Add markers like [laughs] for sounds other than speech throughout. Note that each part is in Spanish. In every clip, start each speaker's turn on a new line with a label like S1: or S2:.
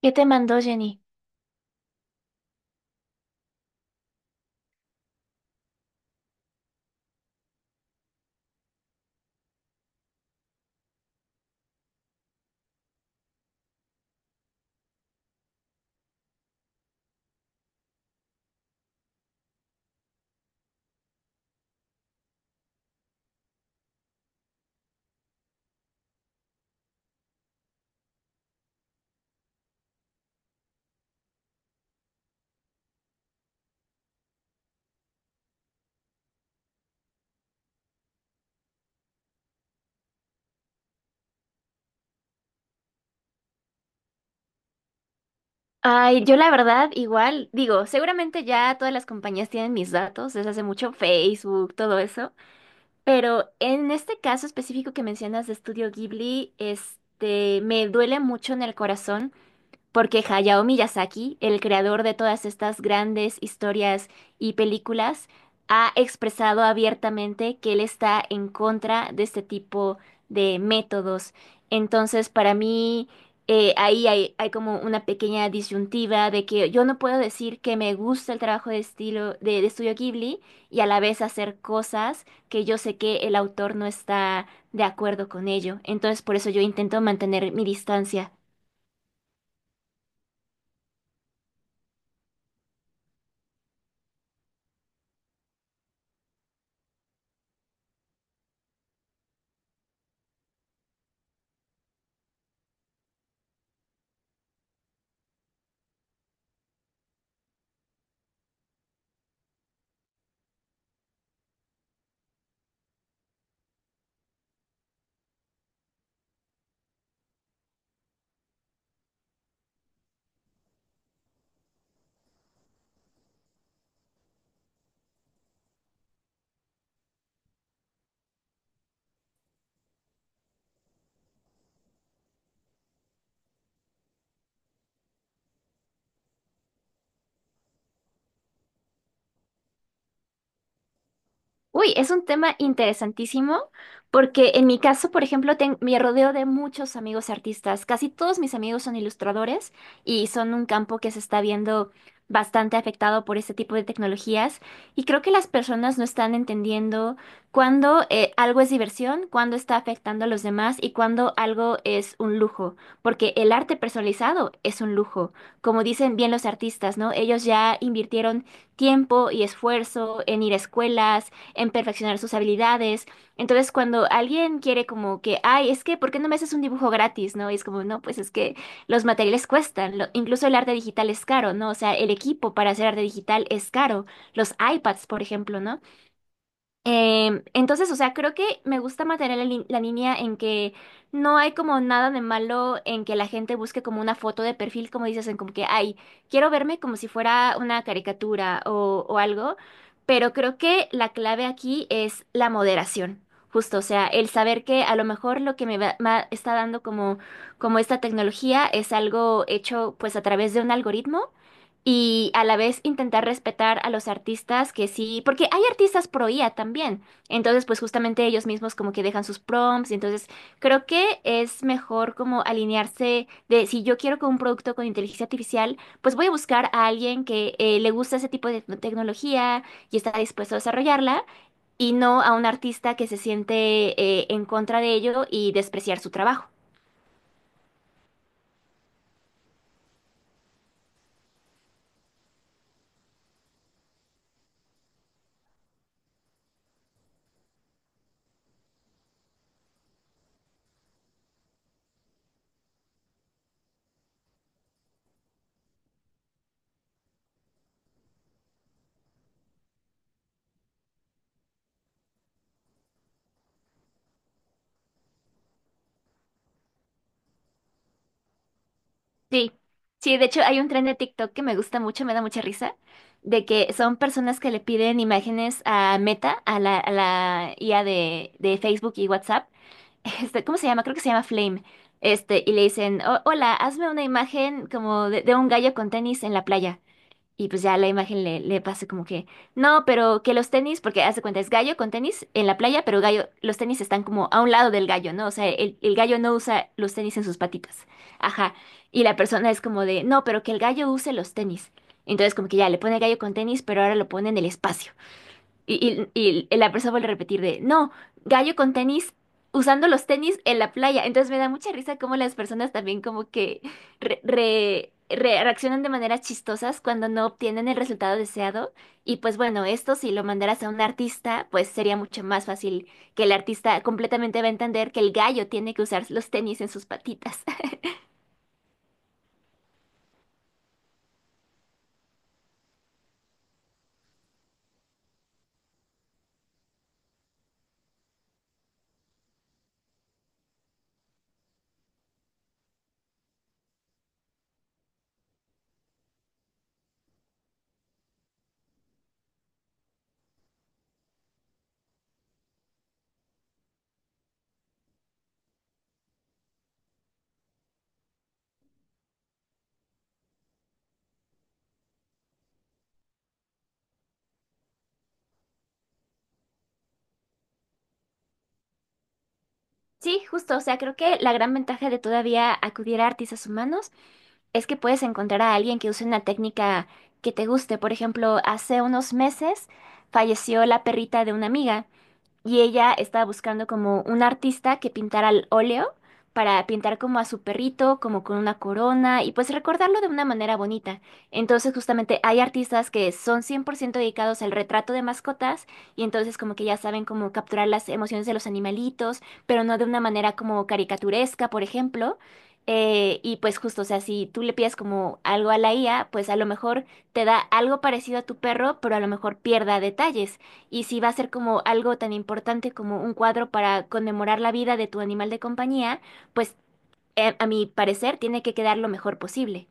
S1: ¿Qué te mandó Jenny? Ay, yo la verdad igual, digo, seguramente ya todas las compañías tienen mis datos desde hace mucho, Facebook, todo eso, pero en este caso específico que mencionas de Estudio Ghibli, este, me duele mucho en el corazón porque Hayao Miyazaki, el creador de todas estas grandes historias y películas, ha expresado abiertamente que él está en contra de este tipo de métodos. Entonces, para mí, ahí hay como una pequeña disyuntiva de que yo no puedo decir que me gusta el trabajo de estilo de Estudio Ghibli y a la vez hacer cosas que yo sé que el autor no está de acuerdo con ello. Entonces, por eso yo intento mantener mi distancia. Uy, es un tema interesantísimo porque en mi caso, por ejemplo, me rodeo de muchos amigos artistas. Casi todos mis amigos son ilustradores y son un campo que se está viendo bastante afectado por este tipo de tecnologías. Y creo que las personas no están entendiendo cuándo algo es diversión, cuándo está afectando a los demás y cuándo algo es un lujo. Porque el arte personalizado es un lujo. Como dicen bien los artistas, ¿no? Ellos ya invirtieron tiempo y esfuerzo en ir a escuelas en perfeccionar sus habilidades. Entonces, cuando alguien quiere como que, ay, es que, ¿por qué no me haces un dibujo gratis? ¿No? Y es como, no, pues es que los materiales cuestan, incluso el arte digital es caro, ¿no? O sea, el equipo para hacer arte digital es caro, los iPads, por ejemplo, ¿no? Entonces, o sea, creo que me gusta mantener la, la línea en que no hay como nada de malo en que la gente busque como una foto de perfil, como dices, en como que, ay, quiero verme como si fuera una caricatura o algo, pero creo que la clave aquí es la moderación, justo, o sea, el saber que a lo mejor lo que está dando como, como esta tecnología es algo hecho pues a través de un algoritmo y a la vez intentar respetar a los artistas que sí, porque hay artistas pro IA también, entonces pues justamente ellos mismos como que dejan sus prompts, y entonces creo que es mejor como alinearse de si yo quiero que un producto con inteligencia artificial, pues voy a buscar a alguien que le gusta ese tipo de tecnología y está dispuesto a desarrollarla y no a un artista que se siente en contra de ello y despreciar su trabajo. Sí, sí, de hecho hay un tren de TikTok que me gusta mucho, me da mucha risa, de que son personas que le piden imágenes a Meta, a la IA de Facebook y WhatsApp. [laughs] Este, ¿cómo se llama? Creo que se llama Flame. Este, y le dicen: "Oh, hola, hazme una imagen como de un gallo con tenis en la playa". Y pues ya la imagen le pasa como que, no, pero que los tenis, porque hace cuenta, es gallo con tenis en la playa, pero gallo, los tenis están como a un lado del gallo, ¿no? O sea, el gallo no usa los tenis en sus patitas. Ajá. Y la persona es como de, no, pero que el gallo use los tenis. Entonces como que ya le pone gallo con tenis, pero ahora lo pone en el espacio. Y la persona vuelve a repetir de, no, gallo con tenis, usando los tenis en la playa. Entonces me da mucha risa cómo las personas también como que reaccionan de maneras chistosas cuando no obtienen el resultado deseado. Y pues bueno, esto si lo mandaras a un artista, pues sería mucho más fácil que el artista completamente va a entender que el gallo tiene que usar los tenis en sus patitas. [laughs] Sí, justo, o sea, creo que la gran ventaja de todavía acudir a artistas humanos es que puedes encontrar a alguien que use una técnica que te guste. Por ejemplo, hace unos meses falleció la perrita de una amiga y ella estaba buscando como un artista que pintara al óleo para pintar como a su perrito, como con una corona y pues recordarlo de una manera bonita. Entonces justamente hay artistas que son 100% dedicados al retrato de mascotas y entonces como que ya saben cómo capturar las emociones de los animalitos, pero no de una manera como caricaturesca, por ejemplo. Y pues justo, o sea, si tú le pides como algo a la IA, pues a lo mejor te da algo parecido a tu perro, pero a lo mejor pierda detalles y si va a ser como algo tan importante como un cuadro para conmemorar la vida de tu animal de compañía, pues a mi parecer tiene que quedar lo mejor posible.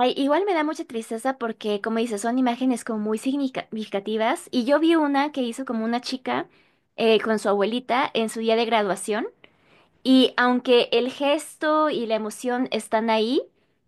S1: Ay, igual me da mucha tristeza porque, como dices, son imágenes como muy significativas. Y yo vi una que hizo como una chica con su abuelita en su día de graduación. Y aunque el gesto y la emoción están ahí,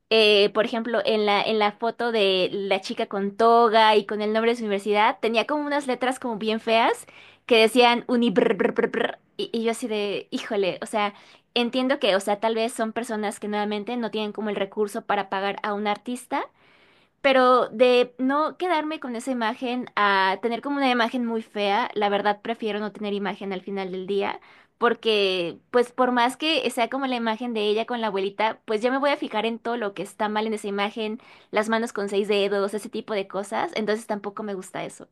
S1: por ejemplo, en la foto de la chica con toga y con el nombre de su universidad, tenía como unas letras como bien feas que decían uni brr, brr, brr, brr, y yo así de, híjole, o sea, entiendo que, o sea, tal vez son personas que nuevamente no tienen como el recurso para pagar a un artista pero de no quedarme con esa imagen a tener como una imagen muy fea, la verdad prefiero no tener imagen al final del día, porque pues por más que sea como la imagen de ella con la abuelita, pues ya me voy a fijar en todo lo que está mal en esa imagen, las manos con seis dedos, ese tipo de cosas, entonces tampoco me gusta eso.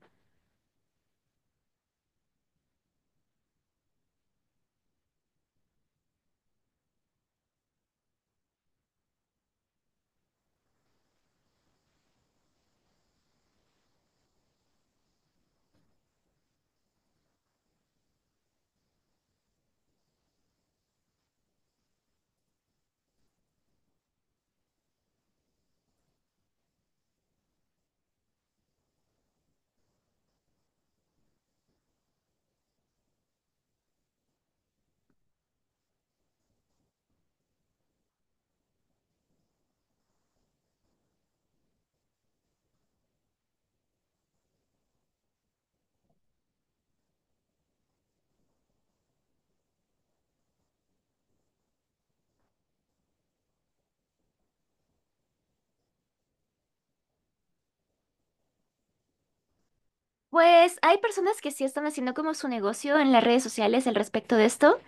S1: Pues hay personas que sí están haciendo como su negocio en las redes sociales al respecto de esto.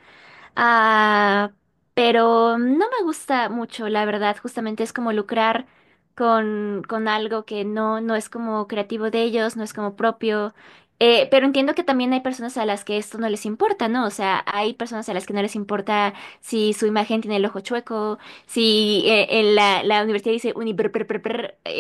S1: Ah, pero no me gusta mucho, la verdad. Justamente es como lucrar con algo que no, no es como creativo de ellos, no es como propio. Pero entiendo que también hay personas a las que esto no les importa, ¿no? O sea, hay personas a las que no les importa si su imagen tiene el ojo chueco, si en la, la universidad dice uniper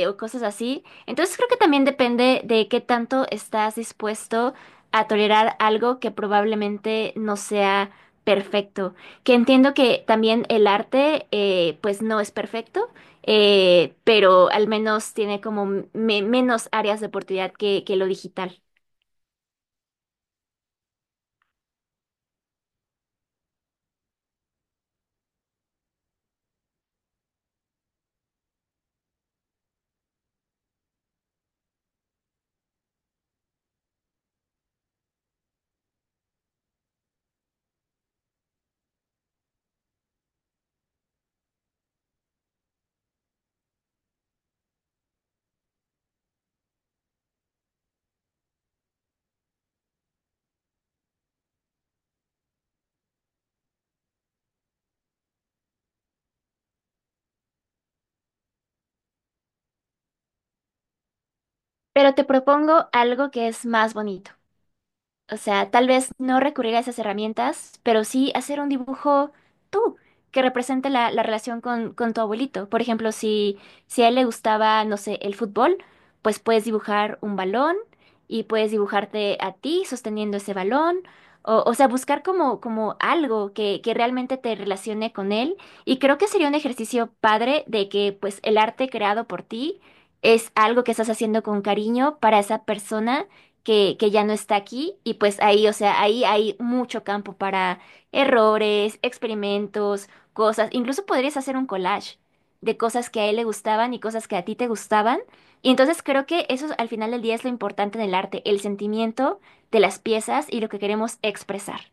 S1: o cosas así. Entonces creo que también depende de qué tanto estás dispuesto a tolerar algo que probablemente no sea perfecto. Que entiendo que también el arte, pues no es perfecto, pero al menos tiene como menos áreas de oportunidad que lo digital. Pero te propongo algo que es más bonito. O sea, tal vez no recurrir a esas herramientas, pero sí hacer un dibujo tú, que represente la, la relación con tu abuelito. Por ejemplo, si, si a él le gustaba, no sé, el fútbol, pues puedes dibujar un balón y puedes dibujarte a ti sosteniendo ese balón. O sea, buscar como, como algo que realmente te relacione con él. Y creo que sería un ejercicio padre de que pues el arte creado por ti es algo que estás haciendo con cariño para esa persona que ya no está aquí y pues ahí, o sea, ahí hay mucho campo para errores, experimentos, cosas. Incluso podrías hacer un collage de cosas que a él le gustaban y cosas que a ti te gustaban. Y entonces creo que eso al final del día es lo importante en el arte, el sentimiento de las piezas y lo que queremos expresar.